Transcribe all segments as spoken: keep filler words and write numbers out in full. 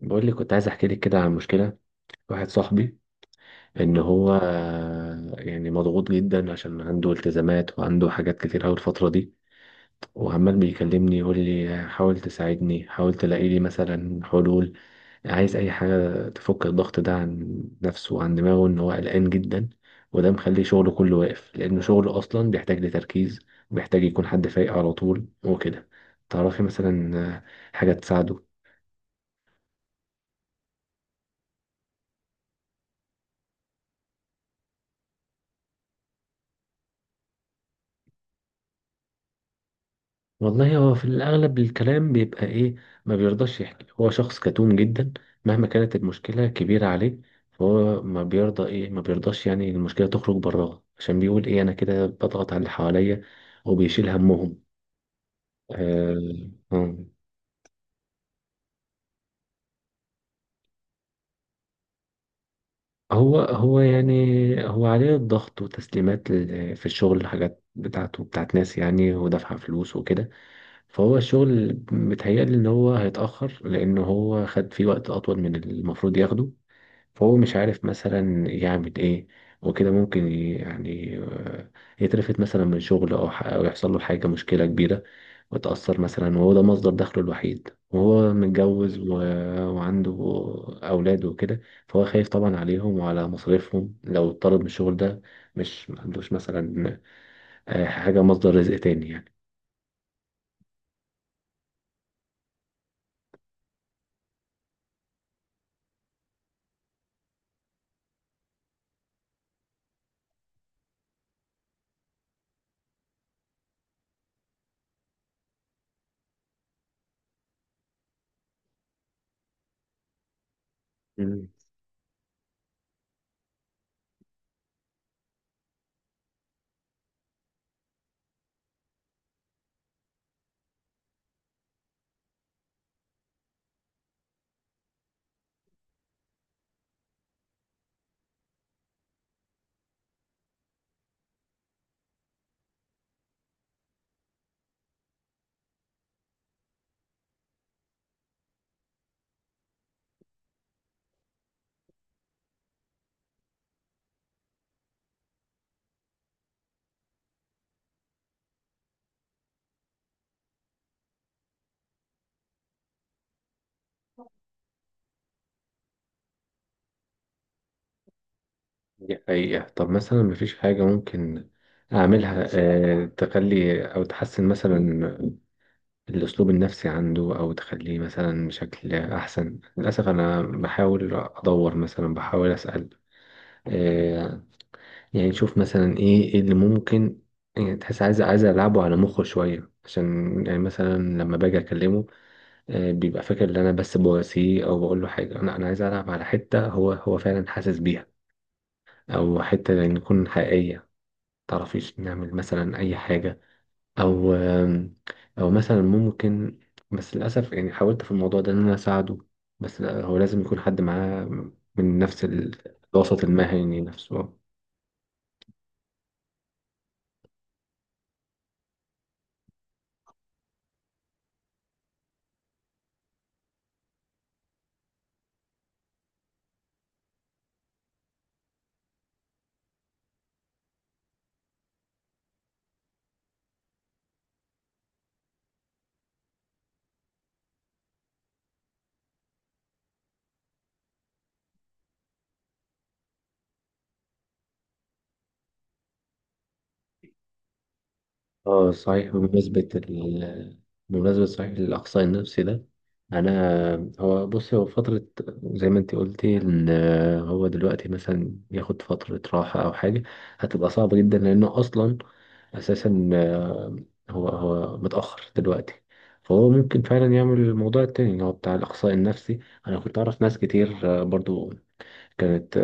بقول لك كنت عايز احكي لك كده عن مشكله واحد صاحبي، ان هو آه، يعني مضغوط جدا عشان عنده التزامات وعنده حاجات كتير قوي الفتره دي. وعمال بيكلمني يقول لي حاول تساعدني، حاول تلاقي لي مثلا حلول. عايز اي حاجه تفك الضغط ده عن نفسه وعن دماغه، ان هو قلقان جدا. وده مخلي شغله كله واقف لان شغله اصلا بيحتاج لتركيز، بيحتاج يكون حد فايق على طول وكده. تعرفي مثلا آه، حاجه تساعده. والله هو في الأغلب الكلام بيبقى إيه، ما بيرضاش يحكي، هو شخص كتوم جدا مهما كانت المشكلة كبيرة عليه. فهو ما بيرضى إيه، ما بيرضاش يعني المشكلة تخرج براها، عشان بيقول إيه، أنا كده بضغط على اللي حواليا وبيشيل همهم. آه. آه. هو هو يعني هو عليه الضغط وتسليمات ل- في الشغل، حاجات بتاعته بتاعت ناس يعني، ودافعة فلوس وكده. فهو الشغل متهيألي إن هو هيتأخر، لأن هو خد فيه وقت أطول من المفروض ياخده. فهو مش عارف مثلا يعمل ايه وكده، ممكن ي- يعني آه، يترفد مثلا من شغل، او ح- أو يحصل له حاجة، مشكلة كبيرة. وتأثر مثلا، وهو ده مصدر دخله الوحيد وهو متجوز و... وعنده أولاد وكده. فهو خايف طبعا عليهم وعلى مصاريفهم لو اتطرد من الشغل ده. مش ما عندوش مثلا آه، حاجة مصدر رزق تاني يعني. مم. دي حقيقة. طب مثلا مفيش حاجة ممكن أعملها آه، تخلي أو تحسن مثلا الأسلوب النفسي عنده، أو تخليه مثلا بشكل أحسن؟ للأسف أنا بحاول أدور مثلا، بحاول أسأل، آه، يعني نشوف مثلا إيه إيه اللي ممكن، يعني تحس عايز، عايز ألعبه على مخه شوية. عشان يعني مثلا لما باجي أكلمه، آه، بيبقى فاكر إن أنا بس بواسيه أو بقول له حاجة. أنا أنا عايز ألعب على حتة هو هو فعلا حاسس بيها، أو حتة يعني تكون حقيقية. متعرفيش نعمل مثلا أي حاجة؟ او، او مثلا ممكن، بس للاسف يعني حاولت في الموضوع ده ان انا اساعده. بس لا، هو لازم يكون حد معاه من نفس ال- الوسط المهني نفسه. اه صحيح، بمناسبة ال بمناسبة صحيح الإقصاء النفسي ده، أنا، هو بص، هو فترة، زي ما أنت قلتي إن هو دلوقتي مثلا ياخد فترة راحة أو حاجة هتبقى صعبة جدا، لأنه أصلا أساسا آه، هو هو متأخر دلوقتي. فهو ممكن فعلا يعمل الموضوع التاني اللي هو بتاع الإقصاء النفسي. أنا كنت أعرف ناس كتير آه، برضو كانت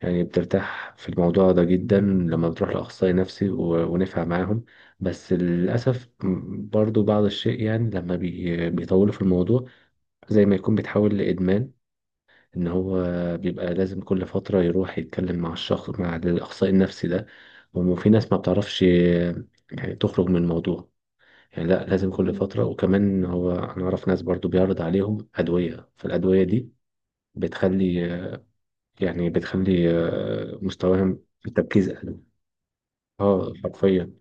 يعني بترتاح في الموضوع ده جدا لما بتروح لأخصائي نفسي، و- ونفع معاهم. بس للأسف م- برضو بعض الشيء، يعني لما بي- بيطولوا في الموضوع زي ما يكون بيتحول لإدمان. إن هو بيبقى لازم كل فترة يروح يتكلم مع الشخص، مع الأخصائي النفسي ده. وفي ناس ما بتعرفش يعني تخرج من الموضوع، يعني لا، لازم كل فترة. وكمان هو، أنا أعرف ناس برضو بيعرض عليهم أدوية، فالأدوية دي بتخلي يعني بتخلي آه، مستواهم في التركيز أقل. اه حرفيا.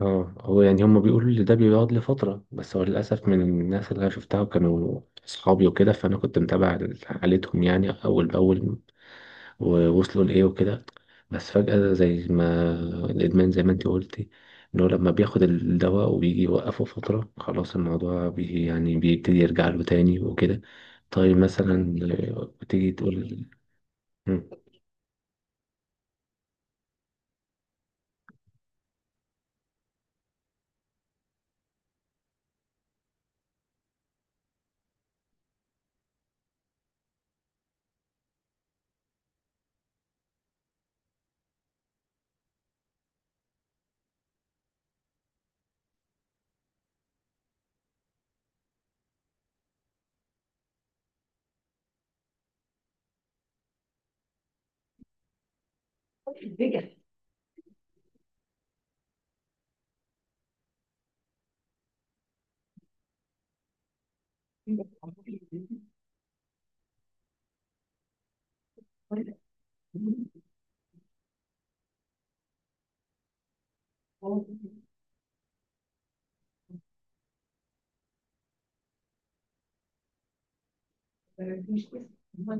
اه هو يعني هم بيقولوا ان ده بيقعد لفترة، بس هو للأسف من الناس اللي أنا شفتها وكانوا أصحابي وكده، فأنا كنت متابع حالتهم يعني أول بأول ووصلوا لإيه وكده. بس فجأة زي ما الإدمان، زي ما أنت قلتي، إن هو لما بياخد الدواء وبيجي يوقفه فترة، خلاص الموضوع بي يعني بيبتدي يرجع له تاني وكده. طيب مثلا بتيجي تقول. مم.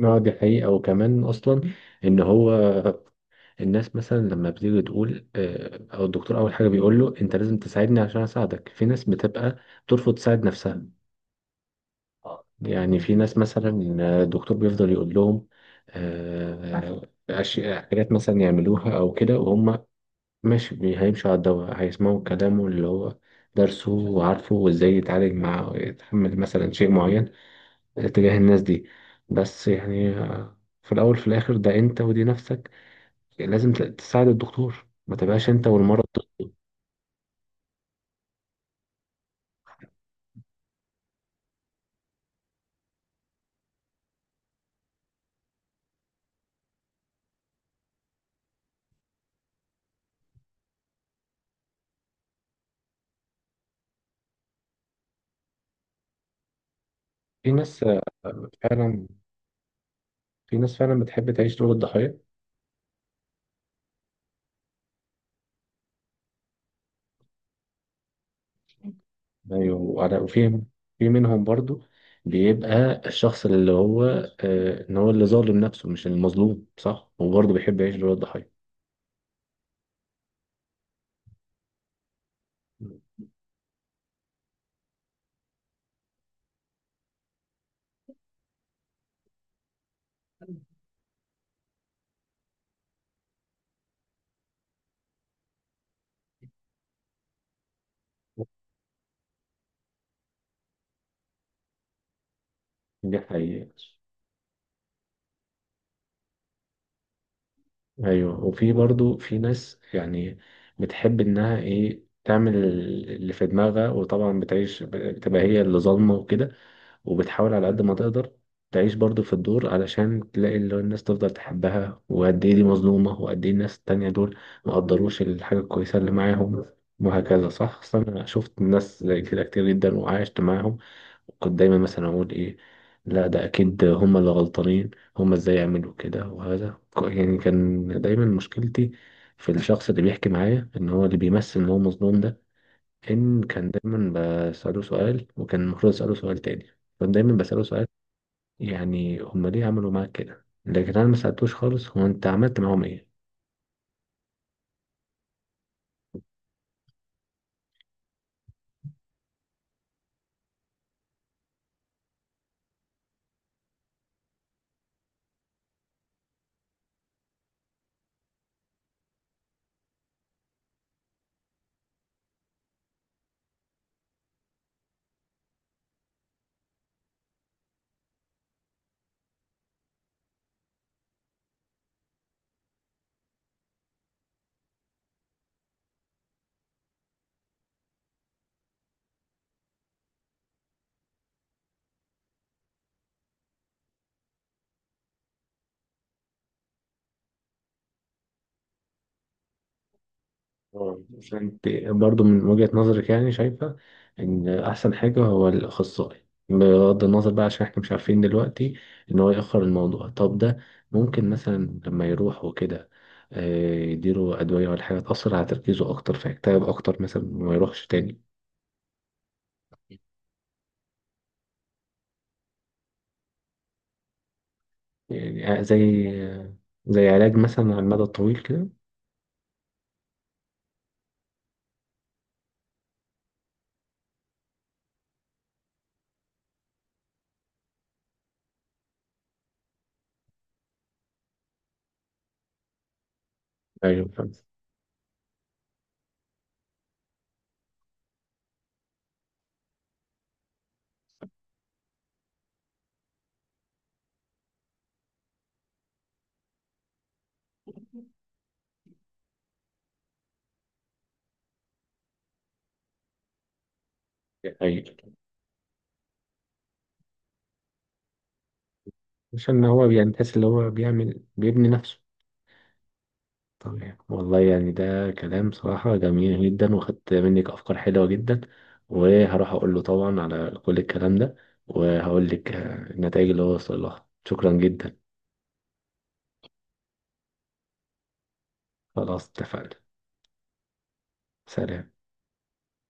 اه دي حقيقة. وكمان أصلا إن هو الناس مثلا لما بتيجي تقول آه، او الدكتور اول حاجه بيقول له انت لازم تساعدني عشان اساعدك، في ناس بتبقى ترفض تساعد نفسها. يعني في ناس مثلا آه، الدكتور بيفضل يقول لهم آه، أشياء، حاجات مثلا يعملوها او كده، وهم ماشي بي- هيمشوا على الدواء، هيسمعوا كلامه اللي هو درسه وعارفه، وازاي يتعالج، مع يتحمل مثلا شيء معين تجاه الناس دي. بس يعني آه، في الاول في الاخر ده انت ودي نفسك، يعني لازم ت- تساعد الدكتور، ما تبقاش انت والمرض ضده. في ناس آه، فعلا، في ناس فعلا بتحب تعيش دور الضحية. ايوه وعلى- وفي، في منهم برضو بيبقى الشخص اللي هو آه، ان هو اللي ظالم نفسه مش المظلوم صح، وبرضه بيحب يعيش دور الضحية. دي حقيقة. ايوه وفي برضو في ناس يعني بتحب انها ايه، تعمل اللي في دماغها، وطبعا بتعيش، بتبقى هي اللي ظالمه وكده، وبتحاول على قد ما تقدر تعيش برضو في الدور، علشان تلاقي اللي هو الناس تفضل تحبها، وقد ايه دي مظلومة، وقد ايه الناس التانية دول مقدروش الحاجة الكويسة اللي معاهم، وهكذا. صح، أصل أنا شفت ناس زي كده كتير جدا وعايشت معاهم. كنت دايما مثلا اقول ايه، لا ده اكيد هما اللي غلطانين، هما ازاي يعملوا كده. وهذا ك- يعني كان دايما مشكلتي في الشخص اللي بيحكي معايا ان هو اللي بيمثل ان هو مظلوم ده، ان كان دايما بسأله سؤال وكان المفروض اسأله سؤال تاني. كنت دايما بسأله سؤال يعني هما ليه عملوا معاك كده، لكن انا ما سألتوش خالص هو انت عملت معاهم ايه. آه. بس انت برضو من وجهة نظرك يعني شايفة ان احسن حاجة هو الاخصائي، بغض النظر بقى عشان احنا مش عارفين دلوقتي ان هو يأخر الموضوع. طب ده ممكن مثلا لما يروح وكده آه، يديله ادوية ولا حاجة تأثر على تركيزه اكتر، فيكتئب اكتر مثلا وما يروحش تاني؟ يعني آه، زي، زي علاج مثلا على المدى الطويل كده. ايوه فاهم. ايوه عشان هو يعني تحس اللي هو بيعمل بيبني نفسه. تمام. والله يعني ده كلام صراحة جميل جدا، وخدت منك أفكار حلوة جدا. وهروح أقول له طبعا على كل الكلام ده، وهقول لك آه، النتائج اللي هو وصل لها. شكرا جدا. خلاص اتفقنا سلام